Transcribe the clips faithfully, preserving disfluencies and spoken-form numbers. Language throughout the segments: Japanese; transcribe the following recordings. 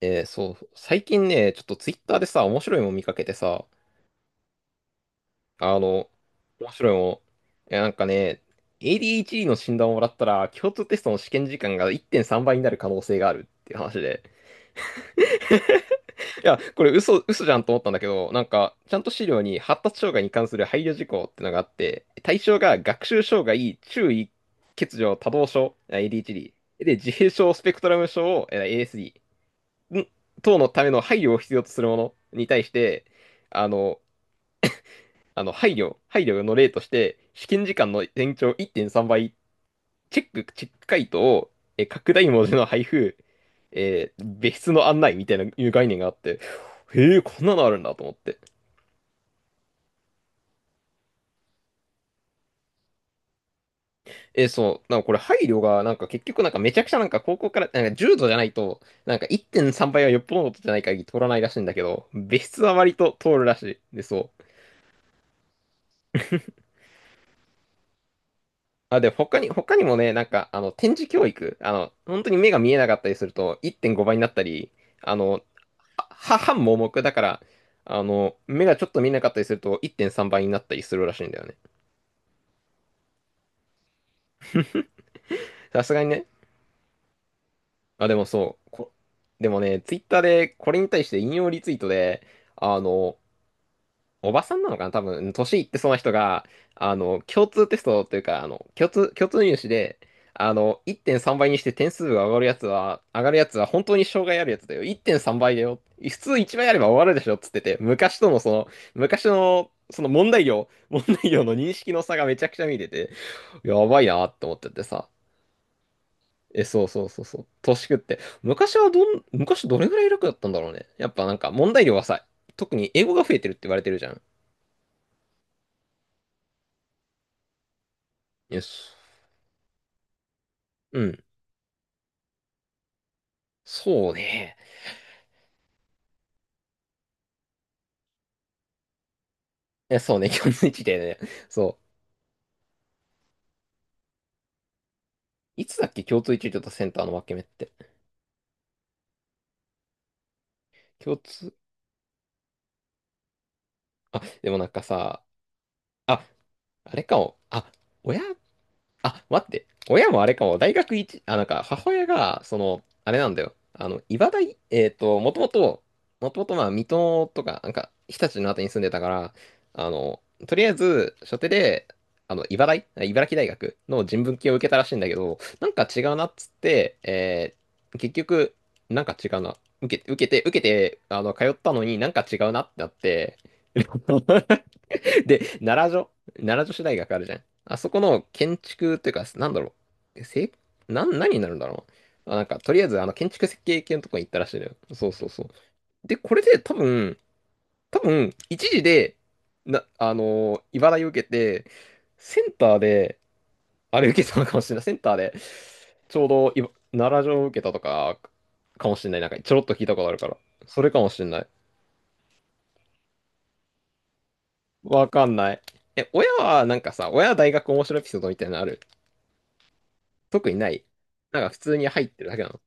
えーそう、最近ね、ちょっとツイッターでさ、面白いもん見かけてさ、あの、面白いもん、えなんかね、エーディーエイチディー の診断をもらったら、共通テストの試験時間がいってんさんばいになる可能性があるっていう話で、いや、これ嘘、嘘じゃんと思ったんだけど、なんか、ちゃんと資料に発達障害に関する配慮事項ってのがあって、対象が学習障害、注意、欠如、多動症、エーディーエイチディー、で、自閉症スペクトラム症を、え エーエスディー、等のための配慮を必要とするものに対して、あの、あの配慮、配慮の例として、試験時間の延長いってんさんばい、チェック、チェック回答を、え拡大文字の配布、えー別室の案内みたいないう概念があって、へえ、こんなのあるんだと思って。えーそう、なんかこれ配慮が、なんか結局なんかめちゃくちゃなんか高校から、なんか重度じゃないと、なんかいってんさんばいはよっぽどのことじゃない限り通らないらしいんだけど、別室は割と通るらしい。で、そう。あ、で、他に、他にもね、なんか、あの、展示教育、あの、本当に目が見えなかったりすると、いってんごばいになったり、あの、あは、半盲目だから、あの、目がちょっと見えなかったりすると、いってんさんばいになったりするらしいんだよね。さすがにね。あ、でもそう、こ、でもね、ツイッターでこれに対して引用リツイートで、あの、おばさんなのかな多分、年いってそうな人が、あの、共通テストというか、あの、共通、共通入試で、あの、いってんさんばいにして点数が上がるやつは、上がるやつは本当に障害あるやつだよ。いってんさんばいだよ。普通いちばいあれば終わるでしょっつってて、昔とのその、昔の、その問題量、問題量の認識の差がめちゃくちゃ見てて、やばいなって思っててさ。え、そうそうそうそう。年食って。昔はどん、昔どれぐらい楽だったんだろうね。やっぱなんか問題量はさ、特に英語が増えてるって言われてるじゃん。よし。うん。そうね。いや、そうね、共通一でね。そう。いつだっけ、共通一流とセンターの分け目って。共通、あ、でもなんかさ、あ、あれかも。あ、親あ、待って。親もあれかも。大学一、あ、なんか、母親が、その、あれなんだよ。あの、茨大、えっと、もともと、もともと、まあ、水戸とか、なんか、日立のあたりに住んでたから、あの、とりあえず、初手で、あの、茨大、茨城大学の人文系を受けたらしいんだけど、なんか違うなっつって、えー結局、なんか違うな。受け、受けて、受けて、あの、通ったのになんか違うなってなって、で、奈良女、奈良女子大学あるじゃん。あそこの建築っていうか、なんだろう。せ、なん、何になるんだろう。あ、なんか、とりあえず、あの、建築設計系のとこに行ったらしいのよ。そうそうそう。で、これで多分、多分、一時で、な、あのー、茨城受けて、センターで、あれ受けたのかもしれない。センターで、ちょうどいば、奈良城受けたとか、かもしれない。なんか、ちょろっと聞いたことあるから。それかもしれない。わかんない。え、親は、なんかさ、親は大学面白いエピソードみたいなのある特にない。なんか普通に入ってるだけなの。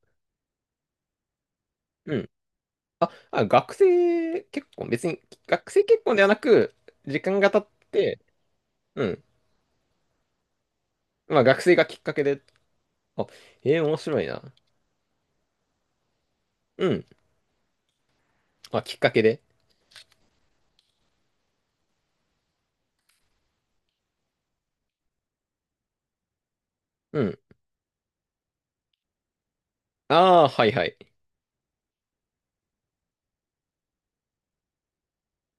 うん。あ、あ、学生結婚、別に学生結婚ではなく、時間が経って、うん。まあ学生がきっかけで、あ、えー、面白いな。うん。まあ、きっかけで。うん。ああ、はいはい。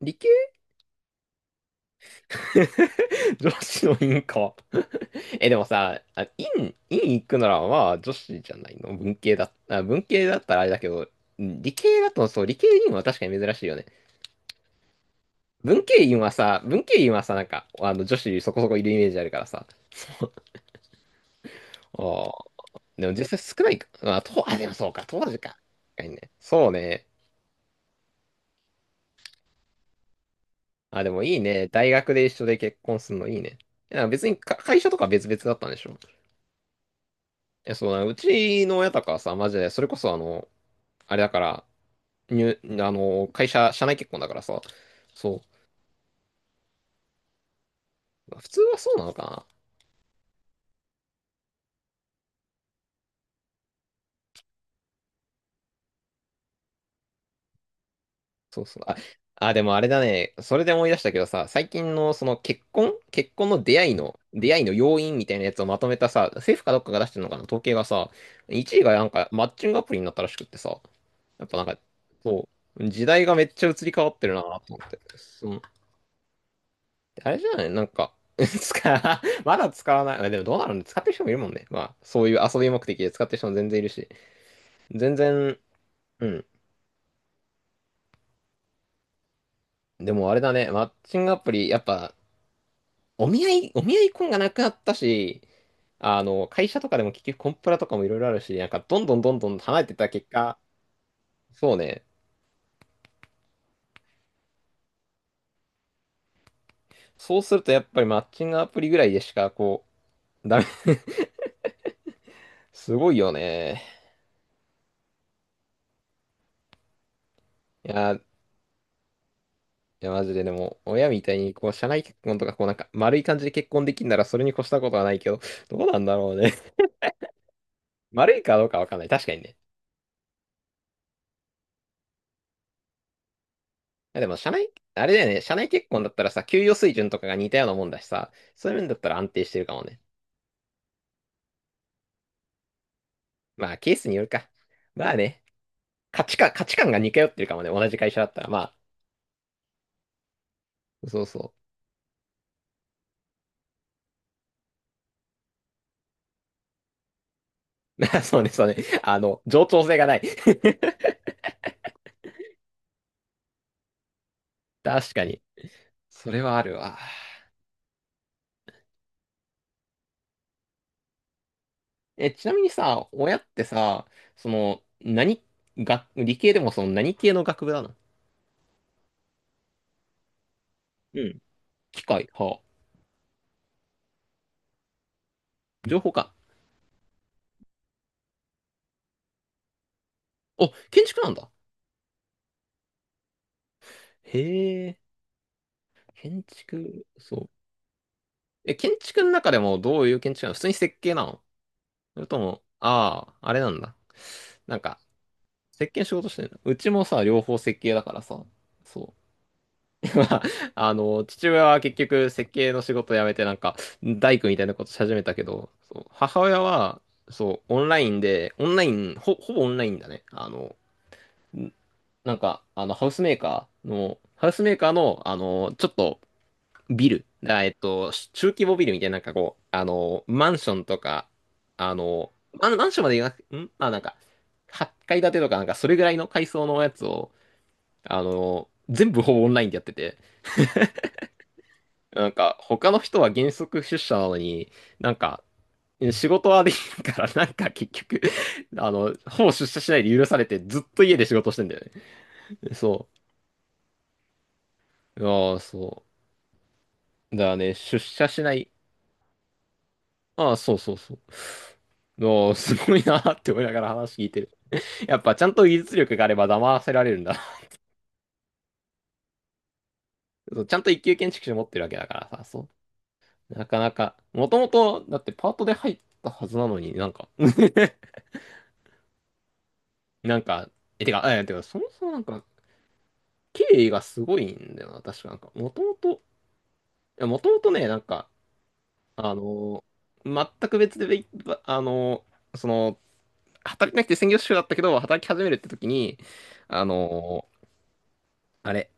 理系 女子の院か。え、でもさ、あ、院、院行くならまあ女子じゃないの文系だ、あ、文系だったらあれだけど、理系だとそう、理系院は確かに珍しいよね。文系院はさ、文系院はさ、なんか、あの、女子そこそこいるイメージあるからさ。ああ、でも実際少ないか。まあ、と、あ、でもそうか、当時か。確かにね。そうね。あ、でもいいね。大学で一緒で結婚するのいいね。いや、別にか会社とか別々だったんでしょ。いや、そうな、うちの親とかはさ、マジで、それこそあの、あれだから、入、あの、会社、社内結婚だからさ、そう。普通はそうなのかな。そうそう。あ、あ、でもあれだね。それで思い出したけどさ、最近のその結婚、結婚の出会いの、出会いの要因みたいなやつをまとめたさ、政府かどっかが出してるのかな、統計がさ、いちいがなんかマッチングアプリになったらしくってさ、やっぱなんか、そう、時代がめっちゃ移り変わってるなと思って。その、あれじゃないなんか、使う、まだ使わない。あでもどうなるんで使ってる人もいるもんね。まあ、そういう遊び目的で使ってる人も全然いるし、全然、うん。でもあれだね、マッチングアプリ、やっぱ、お見合い、お見合い婚がなくなったし、あの、会社とかでも結局コンプラとかもいろいろあるし、なんかどんどんどんどん離れてった結果、そうね。そうするとやっぱりマッチングアプリぐらいでしか、こう、ダメ。すごいよね。いや、いやマジででも、親みたいに、こう、社内結婚とか、こう、なんか、丸い感じで結婚できんなら、それに越したことはないけど、どうなんだろうね。丸いかどうかわかんない。確かにね。いやでも、社内、あれだよね。社内結婚だったらさ、給与水準とかが似たようなもんだしさ、そういう面だったら安定してるかもね。まあ、ケースによるか。まあね、価値観、価値観が似通ってるかもね、同じ会社だったら。まあ、そうそう。まあ、そうね、そうね。あの、冗長性がない。確かに。それはあるわ。え、ちなみにさ、親ってさ、その、何、学理系でもその何系の学部なのうん。機械、はあ、情報か。お、建築なんだ。へえ、建築、そう。え、建築の中でもどういう建築なの普通に設計なのそれとも、ああ、あれなんだ。なんか、設計の仕事してるのうちもさ、両方設計だからさ。そう。まあ、あの、父親は結局設計の仕事辞めてなんか、大工みたいなことし始めたけど、そう、母親は、そう、オンラインで、オンライン、ほ、ほぼオンラインだね。あの、なんか、あの、ハウスメーカーの、ハウスメーカーの、あの、ちょっと、ビル、あえっと、中規模ビルみたいな、なんかこう、あの、マンションとか、あの、マンマンションまで言わなくて、んまあなんか、はっかい建てとか、なんかそれぐらいの階層のやつを、あの、全部ほぼオンラインでやってて、なんか、他の人は原則出社なのに、なんか、仕事はできるから、なんか結局あの、ほぼ出社しないで許されて、ずっと家で仕事してんだよね。そう。ああ、そう。だね、出社しない。ああ、そうそうそう。おーすごいなーって思いながら話聞いてる。やっぱちゃんと技術力があれば騙せられるんだ。そうちゃんと一級建築士持ってるわけだからさ、そう。なかなか、もともと、だってパートで入ったはずなのになんか なんか、え、てか、え、てか、そもそもなんか、経緯がすごいんだよな、確かなんか。もともと、いや、もともとね、なんか、あのー全く別で、べあのーその、働いてなくて専業主婦だったけど、働き始めるって時に、あのーあれ、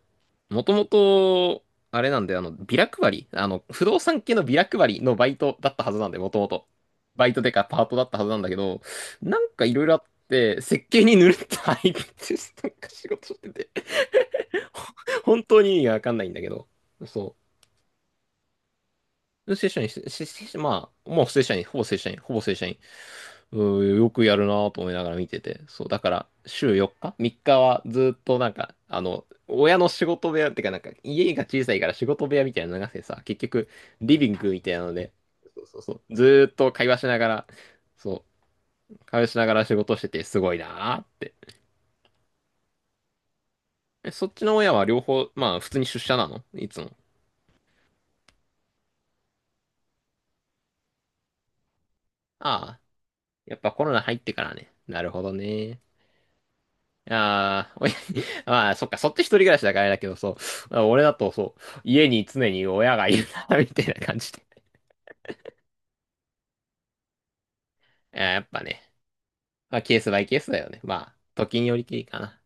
もともと、あれなんで、あの、ビラ配り、あの、不動産系のビラ配りのバイトだったはずなんで、もともと。バイトでかパートだったはずなんだけど、なんかいろいろあって、設計にぬるっと入って、なんか仕事してて、ほ本当に意味がわかんないんだけど、そう。正社員、せせ正社まあ、もう正社員、ほぼ正社員、ほぼ正社員。うーよくやるなぁと思いながら見てて。そう、だから、週よっか ?さん 日はずっとなんか、あの、親の仕事部屋ってか、なんか、家が小さいから仕事部屋みたいなのがあてさ、結局、リビングみたいなので、そうそうそう、ずーっと会話しながら、そう、会話しながら仕事してて、すごいなぁって。え、そっちの親は両方、まあ、普通に出社なのいつも。ああ、やっぱコロナ入ってからね。なるほどねああ、親に、まあ、そっか、そっち一人暮らしだからあれだけど、そう。俺だと、そう、家に常に親がいるな、みたいな感じで。あーやっぱね、まあ、ケースバイケースだよね。まあ、時によりきりかな。